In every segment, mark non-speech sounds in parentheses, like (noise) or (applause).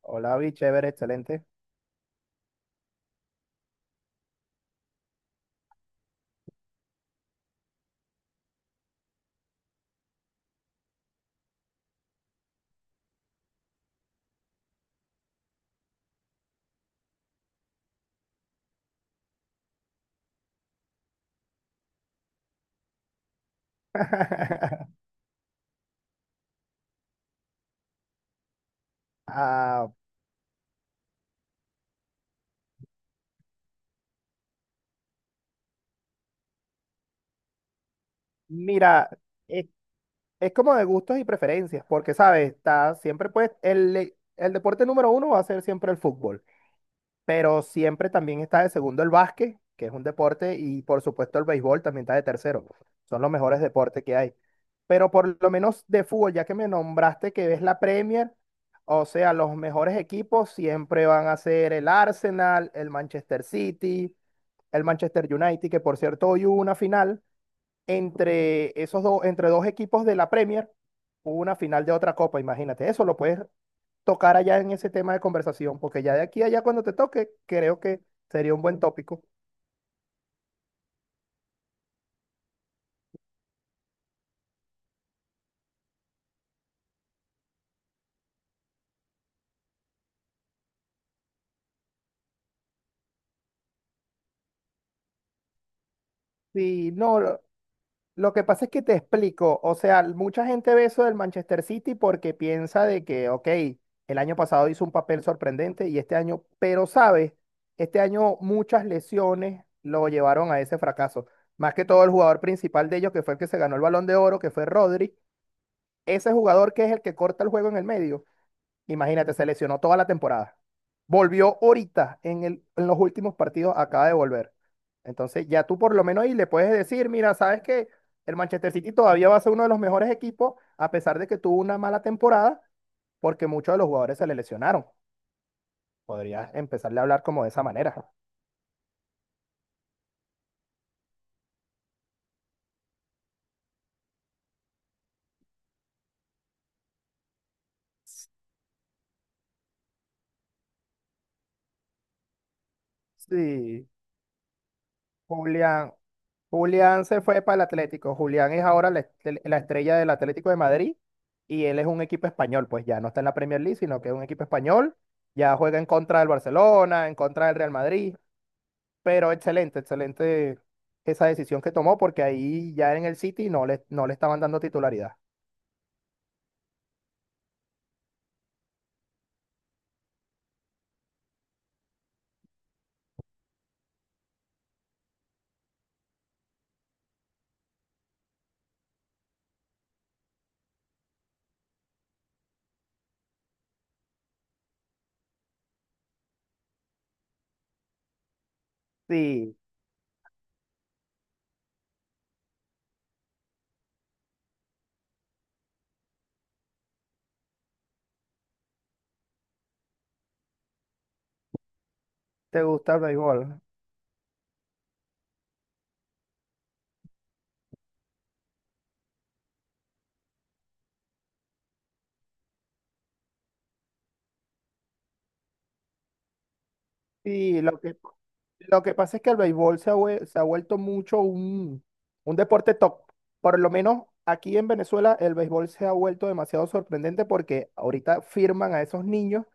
Hola, vi, chévere, excelente. (laughs) Ah, mira, es, es como de gustos y preferencias, porque, ¿sabes? Está siempre, pues, el deporte número uno va a ser siempre el fútbol. Pero siempre también está de segundo el básquet, que es un deporte, y por supuesto el béisbol también está de tercero. Son los mejores deportes que hay. Pero por lo menos de fútbol, ya que me nombraste que ves la Premier, o sea, los mejores equipos siempre van a ser el Arsenal, el Manchester City, el Manchester United, que por cierto hoy hubo una final entre esos dos, entre dos equipos de la Premier, hubo una final de otra copa, imagínate. Eso lo puedes tocar allá en ese tema de conversación, porque ya de aquí a allá cuando te toque, creo que sería un buen tópico. Sí, no, lo que pasa es que te explico, o sea, mucha gente ve eso del Manchester City porque piensa de que, ok, el año pasado hizo un papel sorprendente y este año, pero sabes, este año muchas lesiones lo llevaron a ese fracaso. Más que todo el jugador principal de ellos, que fue el que se ganó el Balón de Oro, que fue Rodri, ese jugador que es el que corta el juego en el medio. Imagínate, se lesionó toda la temporada. Volvió ahorita en los últimos partidos, acaba de volver. Entonces, ya tú por lo menos ahí le puedes decir, mira, sabes que el Manchester City todavía va a ser uno de los mejores equipos, a pesar de que tuvo una mala temporada, porque muchos de los jugadores se le lesionaron. Podrías empezarle a hablar como de esa manera. Sí, Julián, Julián se fue para el Atlético. Julián es ahora la estrella del Atlético de Madrid y él es un equipo español, pues ya no está en la Premier League, sino que es un equipo español. Ya juega en contra del Barcelona, en contra del Real Madrid, pero excelente, excelente esa decisión que tomó porque ahí ya en el City no le estaban dando titularidad. Sí, te gusta el béisbol. Sí, lo que, Lo que pasa es que el béisbol se ha vuelto mucho un deporte top. Por lo menos aquí en Venezuela el béisbol se ha vuelto demasiado sorprendente porque ahorita firman a esos niños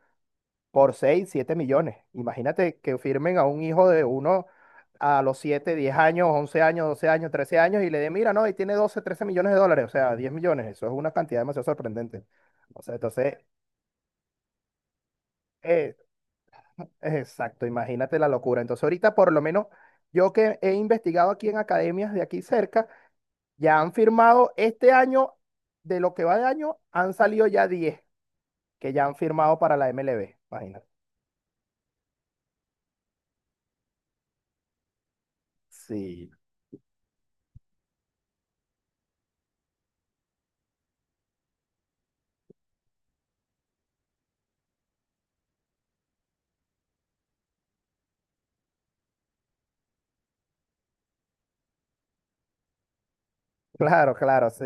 por 6 o 7 millones. Imagínate que firmen a un hijo de uno a los 7 o 10 años, 11 años, 12 años, 13 años y le den, mira, no, y tiene 12 o 13 millones de dólares, o sea, 10 millones. Eso es una cantidad demasiado sorprendente. O sea, entonces, eh, exacto, imagínate la locura. Entonces, ahorita por lo menos yo que he investigado aquí en academias de aquí cerca, ya han firmado este año, de lo que va de año, han salido ya 10 que ya han firmado para la MLB. Imagínate. Sí. Claro, claro, sí.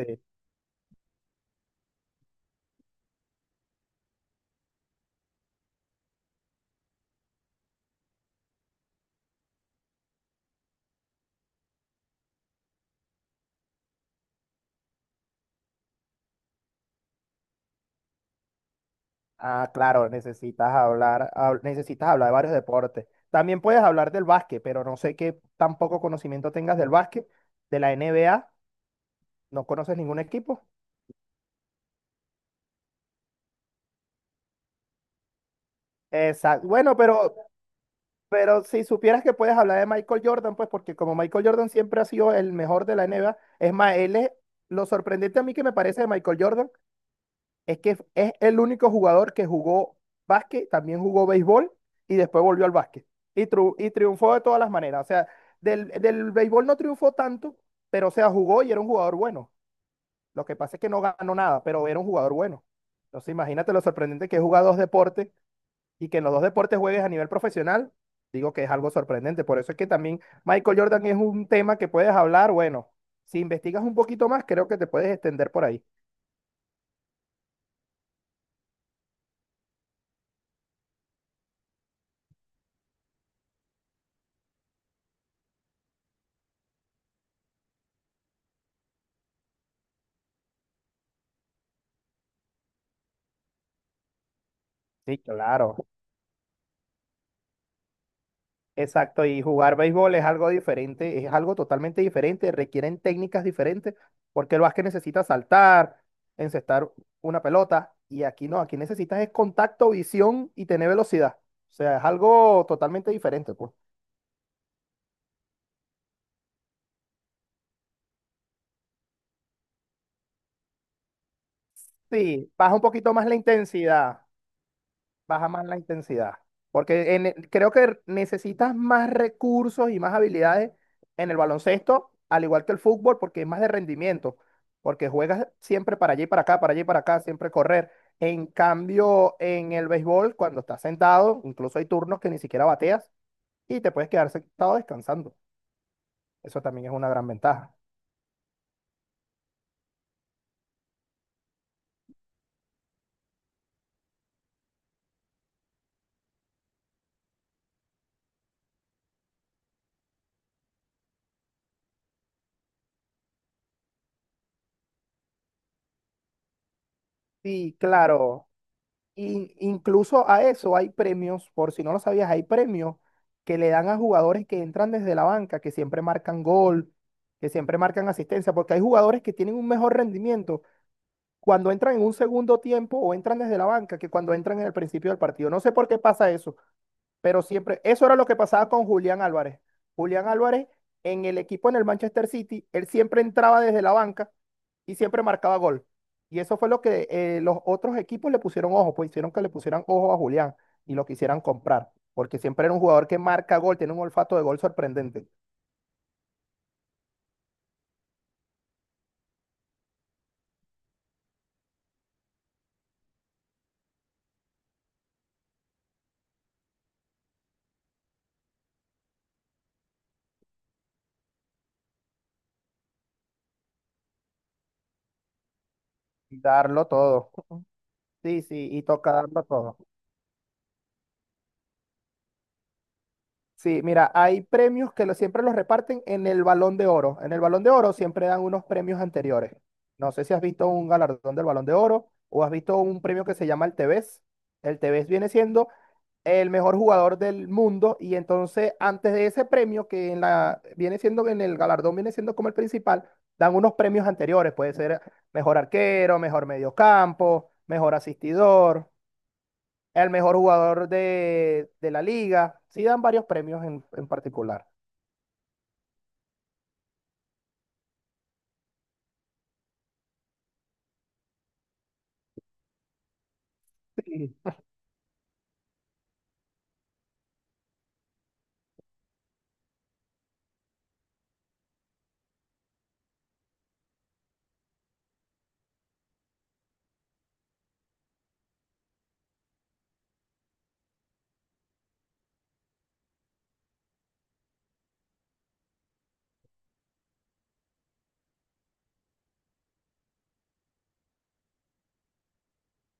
Ah, claro, necesitas hablar de varios deportes. También puedes hablar del básquet, pero no sé qué tan poco conocimiento tengas del básquet, de la NBA, no conoces ningún equipo. Exacto. Bueno, pero si supieras que puedes hablar de Michael Jordan, pues porque como Michael Jordan siempre ha sido el mejor de la NBA, es más, él es, lo sorprendente a mí que me parece de Michael Jordan es que es el único jugador que jugó básquet, también jugó béisbol y después volvió al básquet. Y triunfó de todas las maneras. O sea, del béisbol no triunfó tanto, pero o sea, jugó y era un jugador bueno. Lo que pasa es que no ganó nada, pero era un jugador bueno. Entonces imagínate lo sorprendente que es dos deportes y que en los dos deportes juegues a nivel profesional, digo que es algo sorprendente. Por eso es que también Michael Jordan es un tema que puedes hablar. Bueno, si investigas un poquito más, creo que te puedes extender por ahí. Sí, claro. Exacto, y jugar béisbol es algo diferente, es algo totalmente diferente, requieren técnicas diferentes, porque el básquet necesita saltar, encestar una pelota, y aquí no, aquí necesitas es contacto, visión y tener velocidad. O sea, es algo totalmente diferente, pues. Sí, baja un poquito más la intensidad. Baja más la intensidad. Porque creo que necesitas más recursos y más habilidades en el baloncesto, al igual que el fútbol, porque es más de rendimiento, porque juegas siempre para allí y para acá, para allí y para acá, siempre correr. En cambio, en el béisbol, cuando estás sentado, incluso hay turnos que ni siquiera bateas y te puedes quedar sentado descansando. Eso también es una gran ventaja. Sí, claro. Y incluso a eso hay premios, por si no lo sabías, hay premios que le dan a jugadores que entran desde la banca, que siempre marcan gol, que siempre marcan asistencia, porque hay jugadores que tienen un mejor rendimiento cuando entran en un segundo tiempo o entran desde la banca que cuando entran en el principio del partido. No sé por qué pasa eso. Pero siempre, eso era lo que pasaba con Julián Álvarez. Julián Álvarez en el equipo en el Manchester City, él siempre entraba desde la banca y siempre marcaba gol. Y eso fue lo que los otros equipos le pusieron ojo, pues hicieron que le pusieran ojo a Julián y lo quisieran comprar, porque siempre era un jugador que marca gol, tiene un olfato de gol sorprendente. Y darlo todo. Sí, sí, y toca darlo todo. Sí, mira, hay premios que lo- siempre los reparten en el Balón de Oro. En el Balón de Oro siempre dan unos premios anteriores. No sé si has visto un galardón del Balón de Oro o has visto un premio que se llama el Tevez. El Tevez viene siendo el mejor jugador del mundo y entonces antes de ese premio que en la viene siendo en el galardón viene siendo como el principal, dan unos premios anteriores, puede ser mejor arquero, mejor mediocampo, mejor asistidor, el mejor jugador de la liga. Sí dan varios premios en particular. Sí.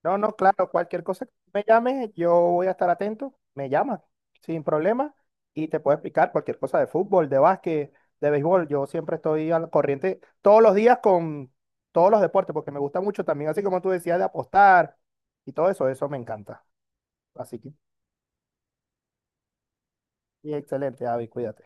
No, no, claro, cualquier cosa que me llames, yo voy a estar atento. Me llamas sin problema, y te puedo explicar cualquier cosa de fútbol, de básquet, de béisbol. Yo siempre estoy al corriente todos los días con todos los deportes, porque me gusta mucho también, así como tú decías, de apostar y todo eso, eso me encanta. Así que, y excelente, Avi, cuídate.